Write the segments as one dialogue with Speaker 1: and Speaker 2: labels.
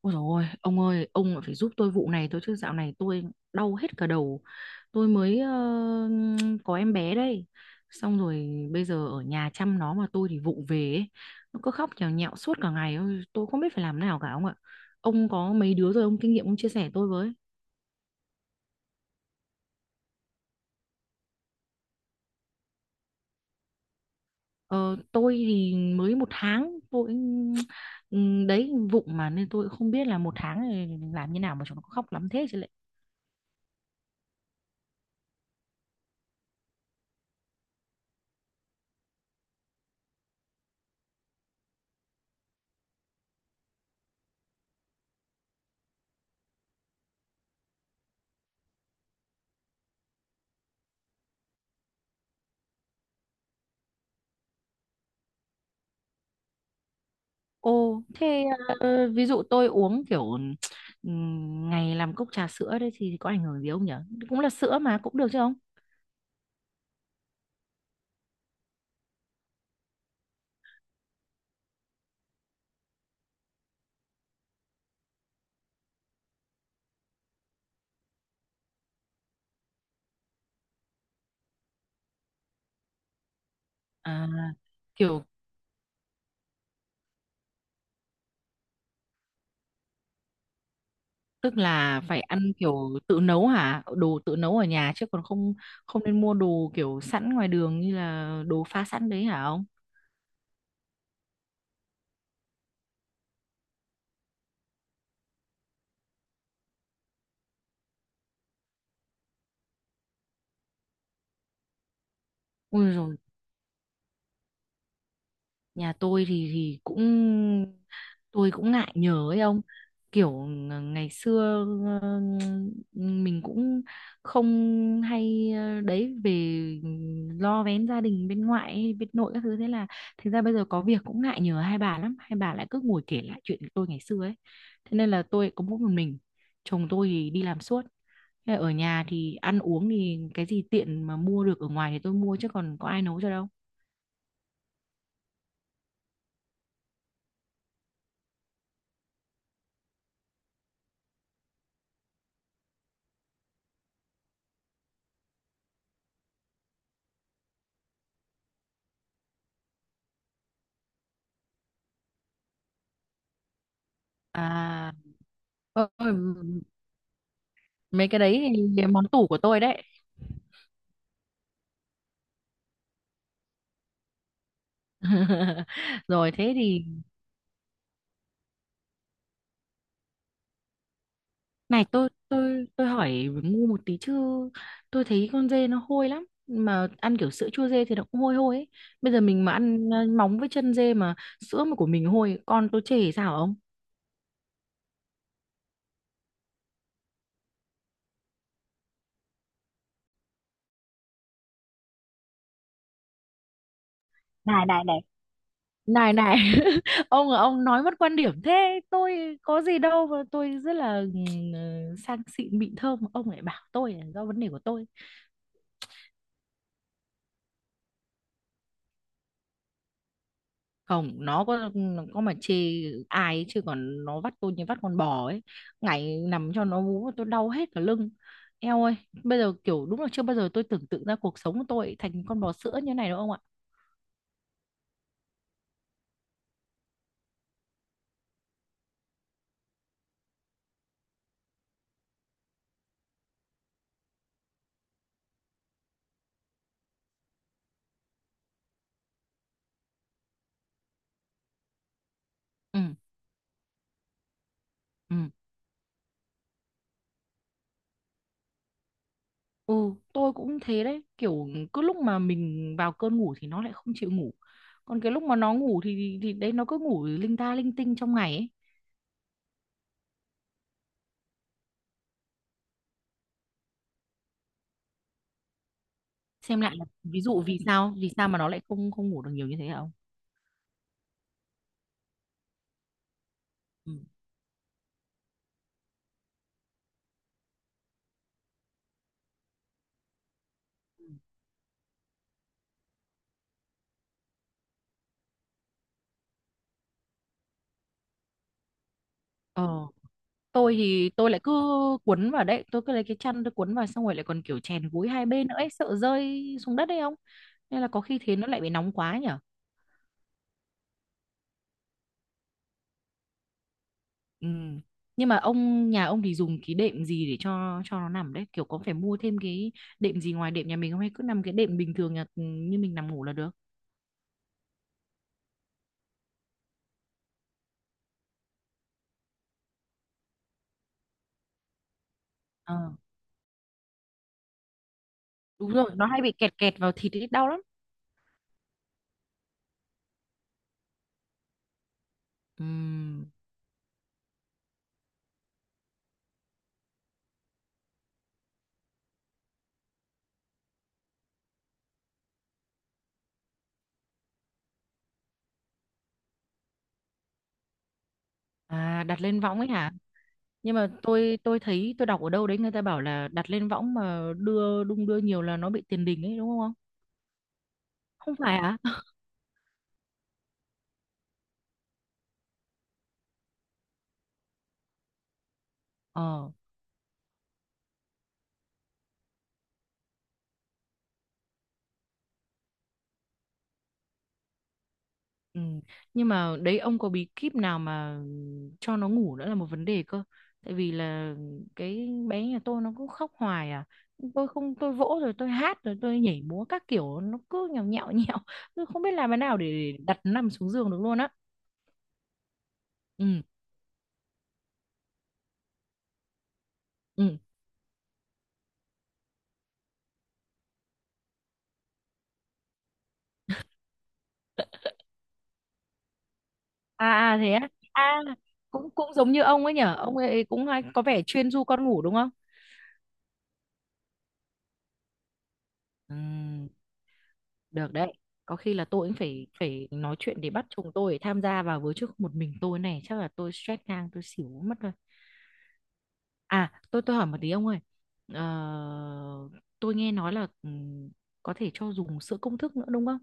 Speaker 1: Ôi dồi ôi, ông ơi, ông lại phải giúp tôi vụ này tôi chứ dạo này tôi đau hết cả đầu. Tôi mới có em bé đây. Xong rồi bây giờ ở nhà chăm nó mà tôi thì vụng về ấy. Nó cứ khóc nhào nhạo suốt cả ngày. Ôi, tôi không biết phải làm nào cả ông ạ. Ông có mấy đứa rồi ông kinh nghiệm ông chia sẻ tôi với. Ờ, tôi thì mới 1 tháng tôi. Ừ, đấy vụng mà nên tôi cũng không biết là 1 tháng này làm như nào mà chúng nó khóc lắm thế chứ lệ. Ồ, thế ví dụ tôi uống kiểu ngày làm cốc trà sữa đấy thì có ảnh hưởng gì không nhỉ? Cũng là sữa mà cũng được chứ không? À, kiểu tức là phải ăn kiểu tự nấu hả? Đồ tự nấu ở nhà chứ còn không không nên mua đồ kiểu sẵn ngoài đường như là đồ pha sẵn đấy hả ông? Ui rồi, nhà tôi thì cũng tôi cũng ngại nhớ ấy ông, kiểu ngày xưa, ờ, mình cũng không hay đấy, về lo vén gia đình bên ngoại ấy, bên nội các thứ. Thế là thực ra bây giờ có việc cũng ngại nhờ hai bà lắm, hai bà lại cứ ngồi kể lại chuyện của tôi ngày xưa ấy. Thế nên là tôi có mỗi một mình, chồng tôi thì đi làm suốt. Thế là ở nhà thì ăn uống thì cái gì tiện mà mua được ở ngoài thì tôi mua chứ còn có ai nấu cho đâu. À. Ờ, mấy cái đấy thì món tủ của tôi đấy. Rồi, thế thì này, tôi hỏi ngu một tí chứ, tôi thấy con dê nó hôi lắm, mà ăn kiểu sữa chua dê thì nó cũng hôi hôi ấy. Bây giờ mình mà ăn móng với chân dê mà sữa mà của mình hôi, con tôi chê sao ông? Này này này, này này, ông là ông nói mất quan điểm thế, tôi có gì đâu mà tôi rất là sang xịn mịn thơm, ông lại bảo tôi là do vấn đề của tôi. Không, nó có mà chê ai ấy, chứ còn nó vắt tôi như vắt con bò ấy, ngày nằm cho nó vú tôi đau hết cả lưng. Eo ơi, bây giờ kiểu đúng là chưa bao giờ tôi tưởng tượng ra cuộc sống của tôi thành con bò sữa như này đâu ông ạ. Ừ. Ừ. Ừ, tôi cũng thế đấy, kiểu cứ lúc mà mình vào cơn ngủ thì nó lại không chịu ngủ, còn cái lúc mà nó ngủ thì đấy nó cứ ngủ linh ta linh tinh trong ngày ấy. Xem lại là ví dụ vì sao, vì sao mà nó lại không không ngủ được nhiều như thế hả ông? Ừ. Ờ, tôi thì tôi lại cứ cuốn vào đấy, tôi cứ lấy cái chăn tôi cuốn vào, xong rồi lại còn kiểu chèn gối hai bên nữa ấy, sợ rơi xuống đất đấy, không nên là có khi thế nó lại bị nóng quá nhở. Ừ. Nhưng mà ông, nhà ông thì dùng cái đệm gì để cho nó nằm đấy, kiểu có phải mua thêm cái đệm gì ngoài đệm nhà mình không, hay cứ nằm cái đệm bình thường nhà như mình nằm ngủ là được? Ờ, đúng rồi, nó hay bị kẹt kẹt vào thịt ấy, đau lắm. Ừm. À, đặt lên võng ấy hả? Nhưng mà tôi thấy tôi đọc ở đâu đấy người ta bảo là đặt lên võng mà đưa đung đưa nhiều là nó bị tiền đình ấy, đúng không? Không phải à? Ờ. Ừ. Nhưng mà đấy, ông có bí kíp nào mà cho nó ngủ nữa là một vấn đề cơ. Tại vì là cái bé nhà tôi nó cứ khóc hoài à, tôi không, tôi vỗ rồi tôi hát rồi tôi nhảy múa các kiểu nó cứ nhào nhạo nhạo. Tôi không biết làm thế nào để đặt nằm xuống giường được luôn á. Ừ. Ừ. À. À thế á? À, cũng cũng giống như ông ấy nhở, ông ấy cũng hay có vẻ chuyên du con ngủ đúng không? Ừm, được đấy. Có khi là tôi cũng phải phải nói chuyện để bắt chồng tôi tham gia vào với chứ, một mình tôi này chắc là tôi stress ngang tôi xỉu mất rồi. À, tôi hỏi một tí ông ơi. Ờ, tôi nghe nói là có thể cho dùng sữa công thức nữa đúng không?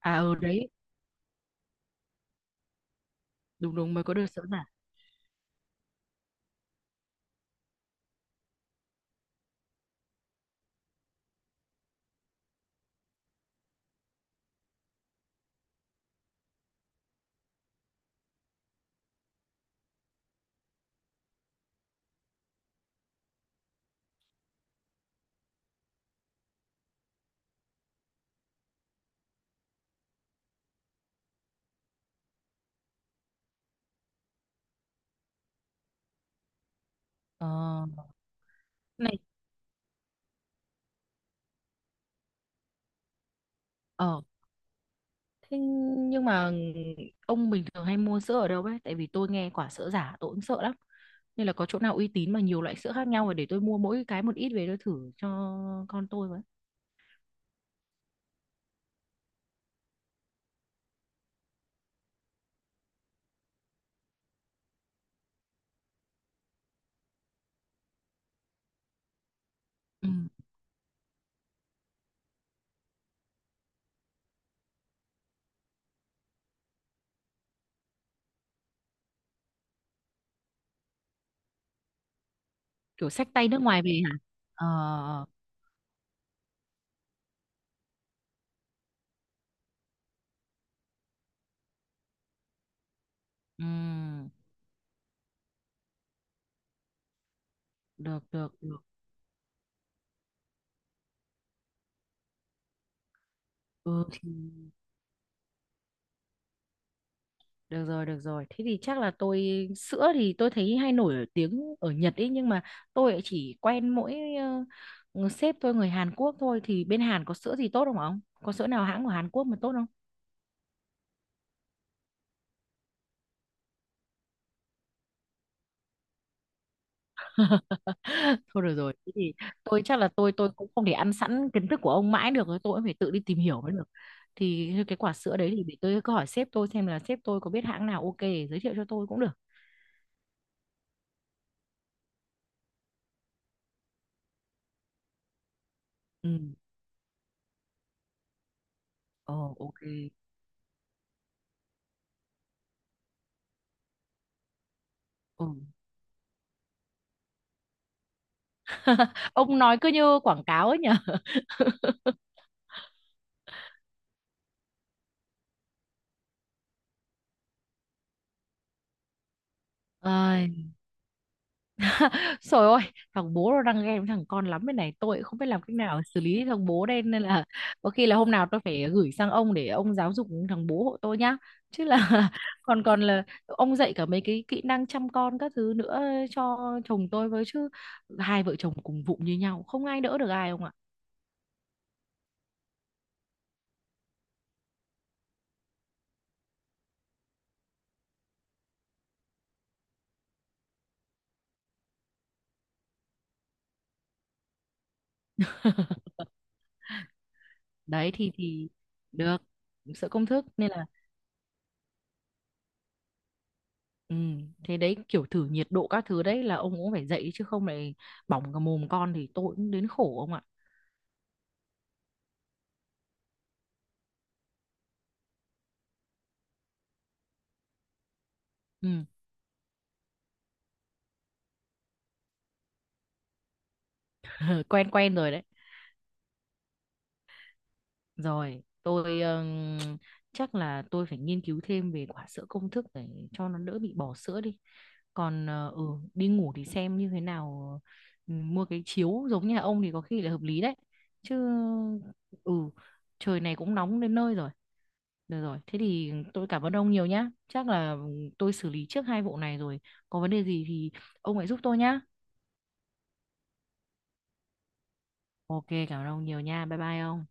Speaker 1: À ừ đấy, đúng đúng mới có được sữa giả. Ờ, này, ờ. Thế nhưng mà ông bình thường hay mua sữa ở đâu ấy? Tại vì tôi nghe quả sữa giả tôi cũng sợ lắm. Nên là có chỗ nào uy tín mà nhiều loại sữa khác nhau rồi để tôi mua mỗi cái một ít về tôi thử cho con tôi với. Ừ. Kiểu xách tay nước ngoài về hả? Ờ, ừ, được, được, được. Ừ, thì được rồi, được rồi. Thế thì chắc là tôi, sữa thì tôi thấy hay nổi ở tiếng ở Nhật ấy. Nhưng mà tôi lại chỉ quen mỗi ờ, sếp tôi người Hàn Quốc thôi. Thì bên Hàn có sữa gì tốt không ạ ông? Có sữa nào hãng của Hàn Quốc mà tốt không? Thôi được rồi, thế thì tôi chắc là tôi cũng không thể ăn sẵn kiến thức của ông mãi được, tôi cũng phải tự đi tìm hiểu mới được. Thì cái quả sữa đấy thì để tôi cứ hỏi sếp tôi xem là sếp tôi có biết hãng nào ok để giới thiệu cho tôi cũng được. Ừ. Ồ, ok. Ừ. Ông nói cứ như quảng cáo ấy nhỉ. Ai, trời ơi, thằng bố nó đang ghen với thằng con lắm bên này, tôi cũng không biết làm cách nào xử lý thằng bố đây nên là có khi là hôm nào tôi phải gửi sang ông để ông giáo dục thằng bố hộ tôi nhá, chứ là còn còn là ông dạy cả mấy cái kỹ năng chăm con các thứ nữa cho chồng tôi với chứ, hai vợ chồng cùng vụng như nhau không ai đỡ được ai ông ạ. Đấy thì được, sợ công thức nên là ừ, thế đấy, kiểu thử nhiệt độ các thứ đấy là ông cũng phải dạy chứ, không lại bỏng cả mồm con thì tôi cũng đến khổ ông ạ. Ừ, quen quen rồi đấy. Rồi, tôi chắc là tôi phải nghiên cứu thêm về quả sữa công thức để cho nó đỡ bị bỏ sữa đi. Còn đi ngủ thì xem như thế nào, ừ, mua cái chiếu giống nhà ông thì có khi là hợp lý đấy. Chứ ừ, trời này cũng nóng đến nơi rồi. Được rồi, thế thì tôi cảm ơn ông nhiều nhá. Chắc là tôi xử lý trước hai vụ này rồi. Có vấn đề gì thì ông hãy giúp tôi nhá. Ok, cảm ơn ông nhiều nha. Bye bye ông.